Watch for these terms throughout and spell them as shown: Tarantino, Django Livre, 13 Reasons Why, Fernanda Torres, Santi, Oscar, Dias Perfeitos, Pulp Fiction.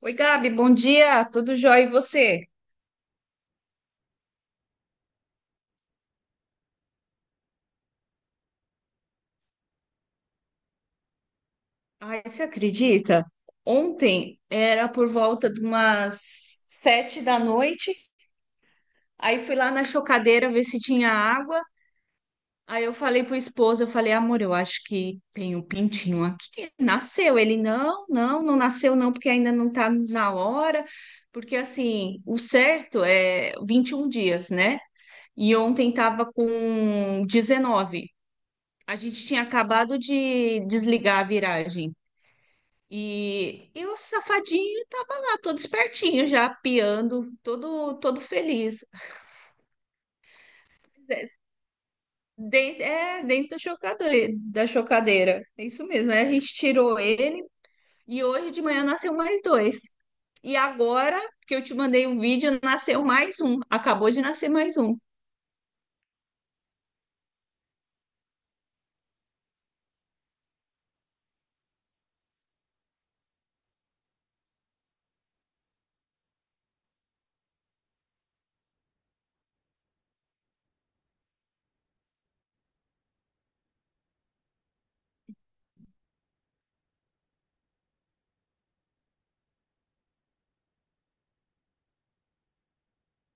Oi, Gabi, bom dia, tudo jóia e você? Ai, você acredita? Ontem era por volta de umas 7 da noite, aí fui lá na chocadeira ver se tinha água, aí eu falei pro esposo, eu falei, amor, eu acho que tem um pintinho aqui, nasceu. Ele, não, não, não nasceu não, porque ainda não tá na hora, porque assim, o certo é 21 dias, né? E ontem tava com 19. A gente tinha acabado de desligar a viragem. E o safadinho tava lá, todo espertinho, já piando, todo, todo feliz. É. Dentro da chocadeira. É isso mesmo. Aí a gente tirou ele e hoje de manhã nasceu mais dois. E agora que eu te mandei um vídeo, nasceu mais um. Acabou de nascer mais um.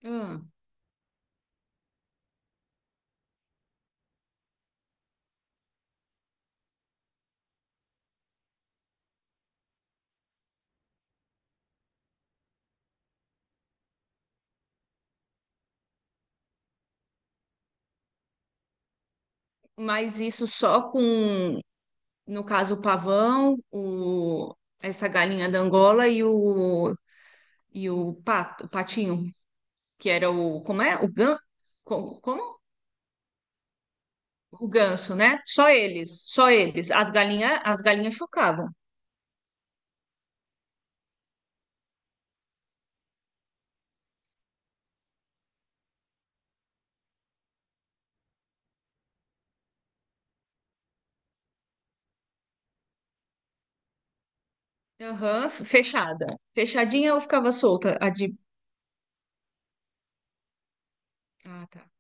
Ah, mas isso só com, no caso, o pavão, o, essa galinha da Angola e o pato, o patinho, que era o, como é? Como? O ganso, né? Só eles, só eles. As galinhas chocavam. Aham, fechada. Fechadinha ou ficava solta? Ah, tá.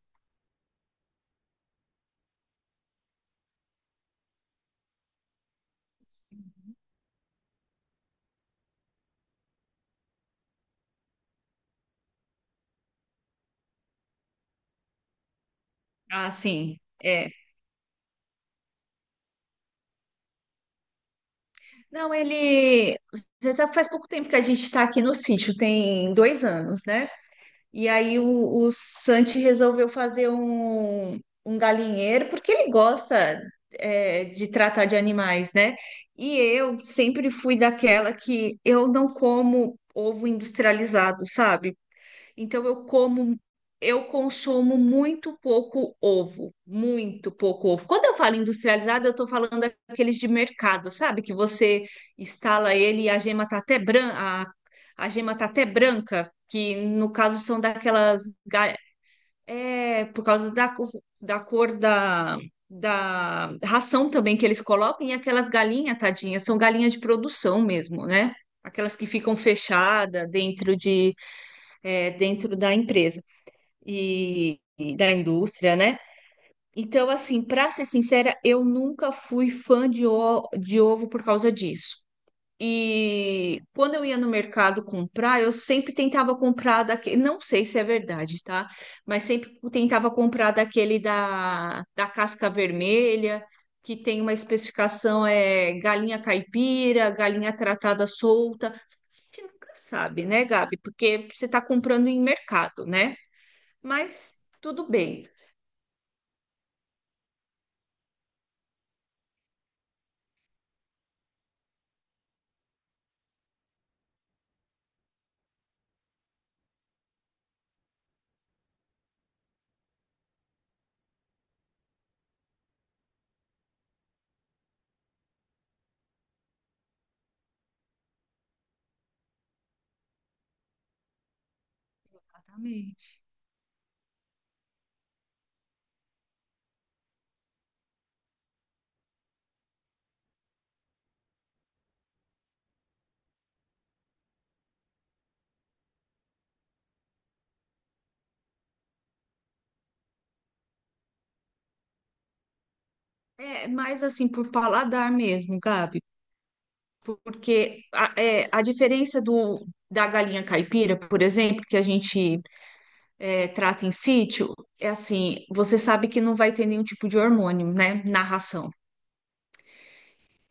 Ah, sim. É. Não, ele. Você sabe, faz pouco tempo que a gente está aqui no sítio, tem 2 anos, né? E aí o Santi resolveu fazer um galinheiro, porque ele gosta de tratar de animais, né? E eu sempre fui daquela que eu não como ovo industrializado, sabe? Então eu como, eu consumo muito pouco ovo, muito pouco ovo. Quando eu falo industrializado, eu estou falando aqueles de mercado, sabe? Que você instala ele e a gema tá até branca, a gema tá até branca, que no caso são daquelas. Por causa da cor da ração também que eles colocam, e aquelas galinhas, tadinhas, são galinhas de produção mesmo, né? Aquelas que ficam fechadas dentro da empresa e da indústria, né? Então, assim, para ser sincera, eu nunca fui fã de ovo por causa disso. E quando eu ia no mercado comprar, eu sempre tentava comprar daquele, não sei se é verdade, tá? Mas sempre tentava comprar daquele da casca vermelha, que tem uma especificação é galinha caipira, galinha tratada solta. A gente nunca sabe, né, Gabi? Porque você está comprando em mercado, né? Mas tudo bem. Exatamente. É mais assim por paladar mesmo, Gabi, porque a diferença do da galinha caipira, por exemplo, que a gente trata em sítio, é assim, você sabe que não vai ter nenhum tipo de hormônio, né, na ração.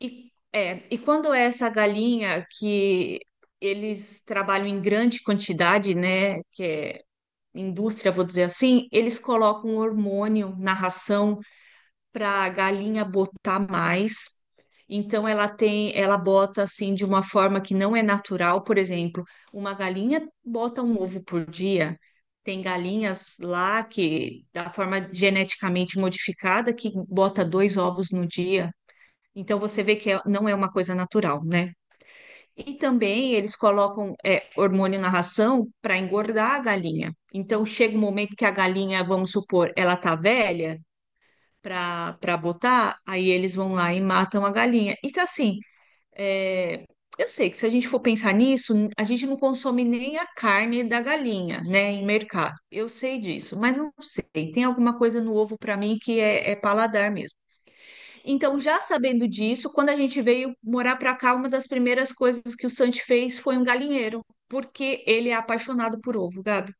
E quando é essa galinha que eles trabalham em grande quantidade, né, que é indústria, vou dizer assim, eles colocam hormônio na ração para a galinha botar mais. Então ela tem, ela bota assim de uma forma que não é natural, por exemplo, uma galinha bota um ovo por dia. Tem galinhas lá que da forma geneticamente modificada que bota dois ovos no dia. Então você vê que não é uma coisa natural, né? E também eles colocam hormônio na ração para engordar a galinha. Então chega um momento que a galinha, vamos supor, ela tá velha pra botar, aí eles vão lá e matam a galinha. Então, assim, é, eu sei que se a gente for pensar nisso, a gente não consome nem a carne da galinha, né, em mercado. Eu sei disso, mas não sei. Tem alguma coisa no ovo pra mim que é paladar mesmo. Então, já sabendo disso, quando a gente veio morar para cá, uma das primeiras coisas que o Santi fez foi um galinheiro, porque ele é apaixonado por ovo, Gabi.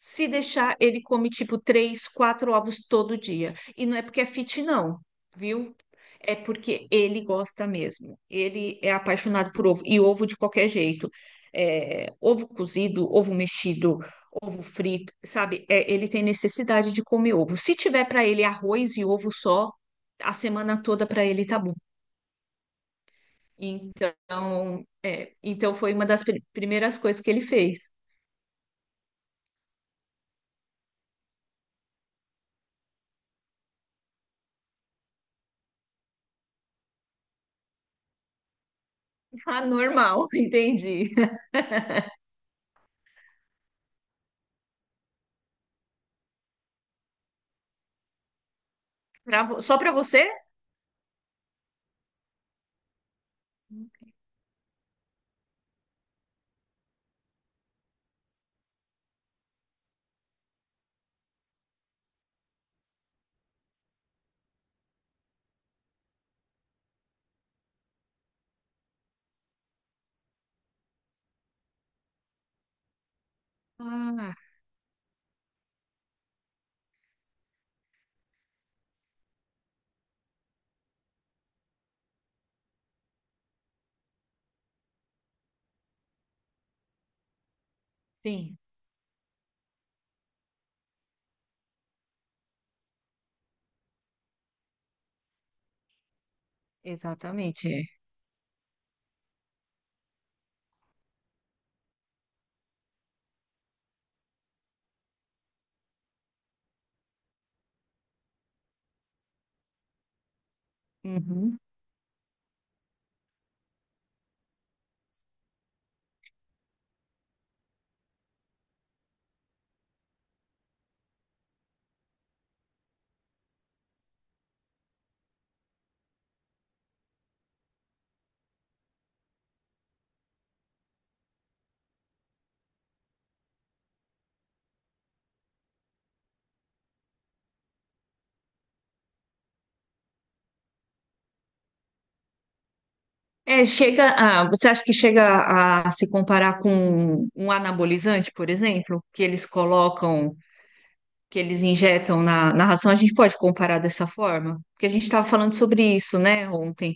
Se deixar, ele come tipo três, quatro ovos todo dia. E não é porque é fit, não, viu? É porque ele gosta mesmo. Ele é apaixonado por ovo, e ovo de qualquer jeito. É, ovo cozido, ovo mexido, ovo frito, sabe? É, ele tem necessidade de comer ovo. Se tiver para ele arroz e ovo só a semana toda para ele tá bom. Então foi uma das primeiras coisas que ele fez. Ah, normal, entendi. Só para você? Ah, sim, exatamente. É, uhum. É, você acha que chega a se comparar com um anabolizante, por exemplo, que eles colocam, que eles injetam na ração? A gente pode comparar dessa forma? Porque a gente estava falando sobre isso, né, ontem.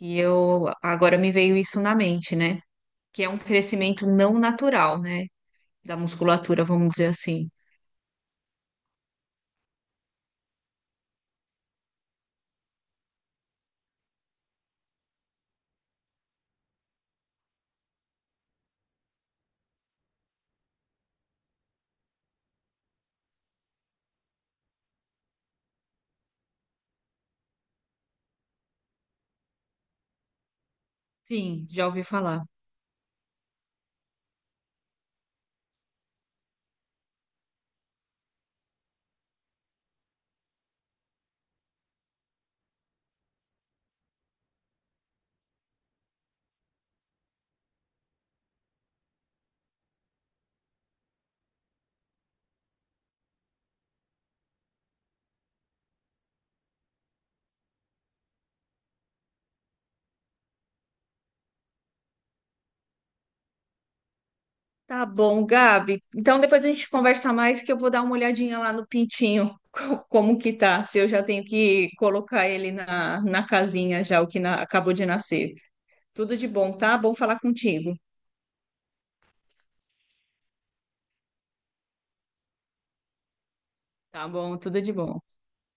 E eu agora me veio isso na mente, né? Que é um crescimento não natural, né? Da musculatura, vamos dizer assim. Sim, já ouvi falar. Tá bom, Gabi. Então depois a gente conversa mais que eu vou dar uma olhadinha lá no pintinho, como que tá, se eu já tenho que colocar ele na casinha já, acabou de nascer. Tudo de bom, tá? Bom falar contigo. Tá bom, tudo de bom.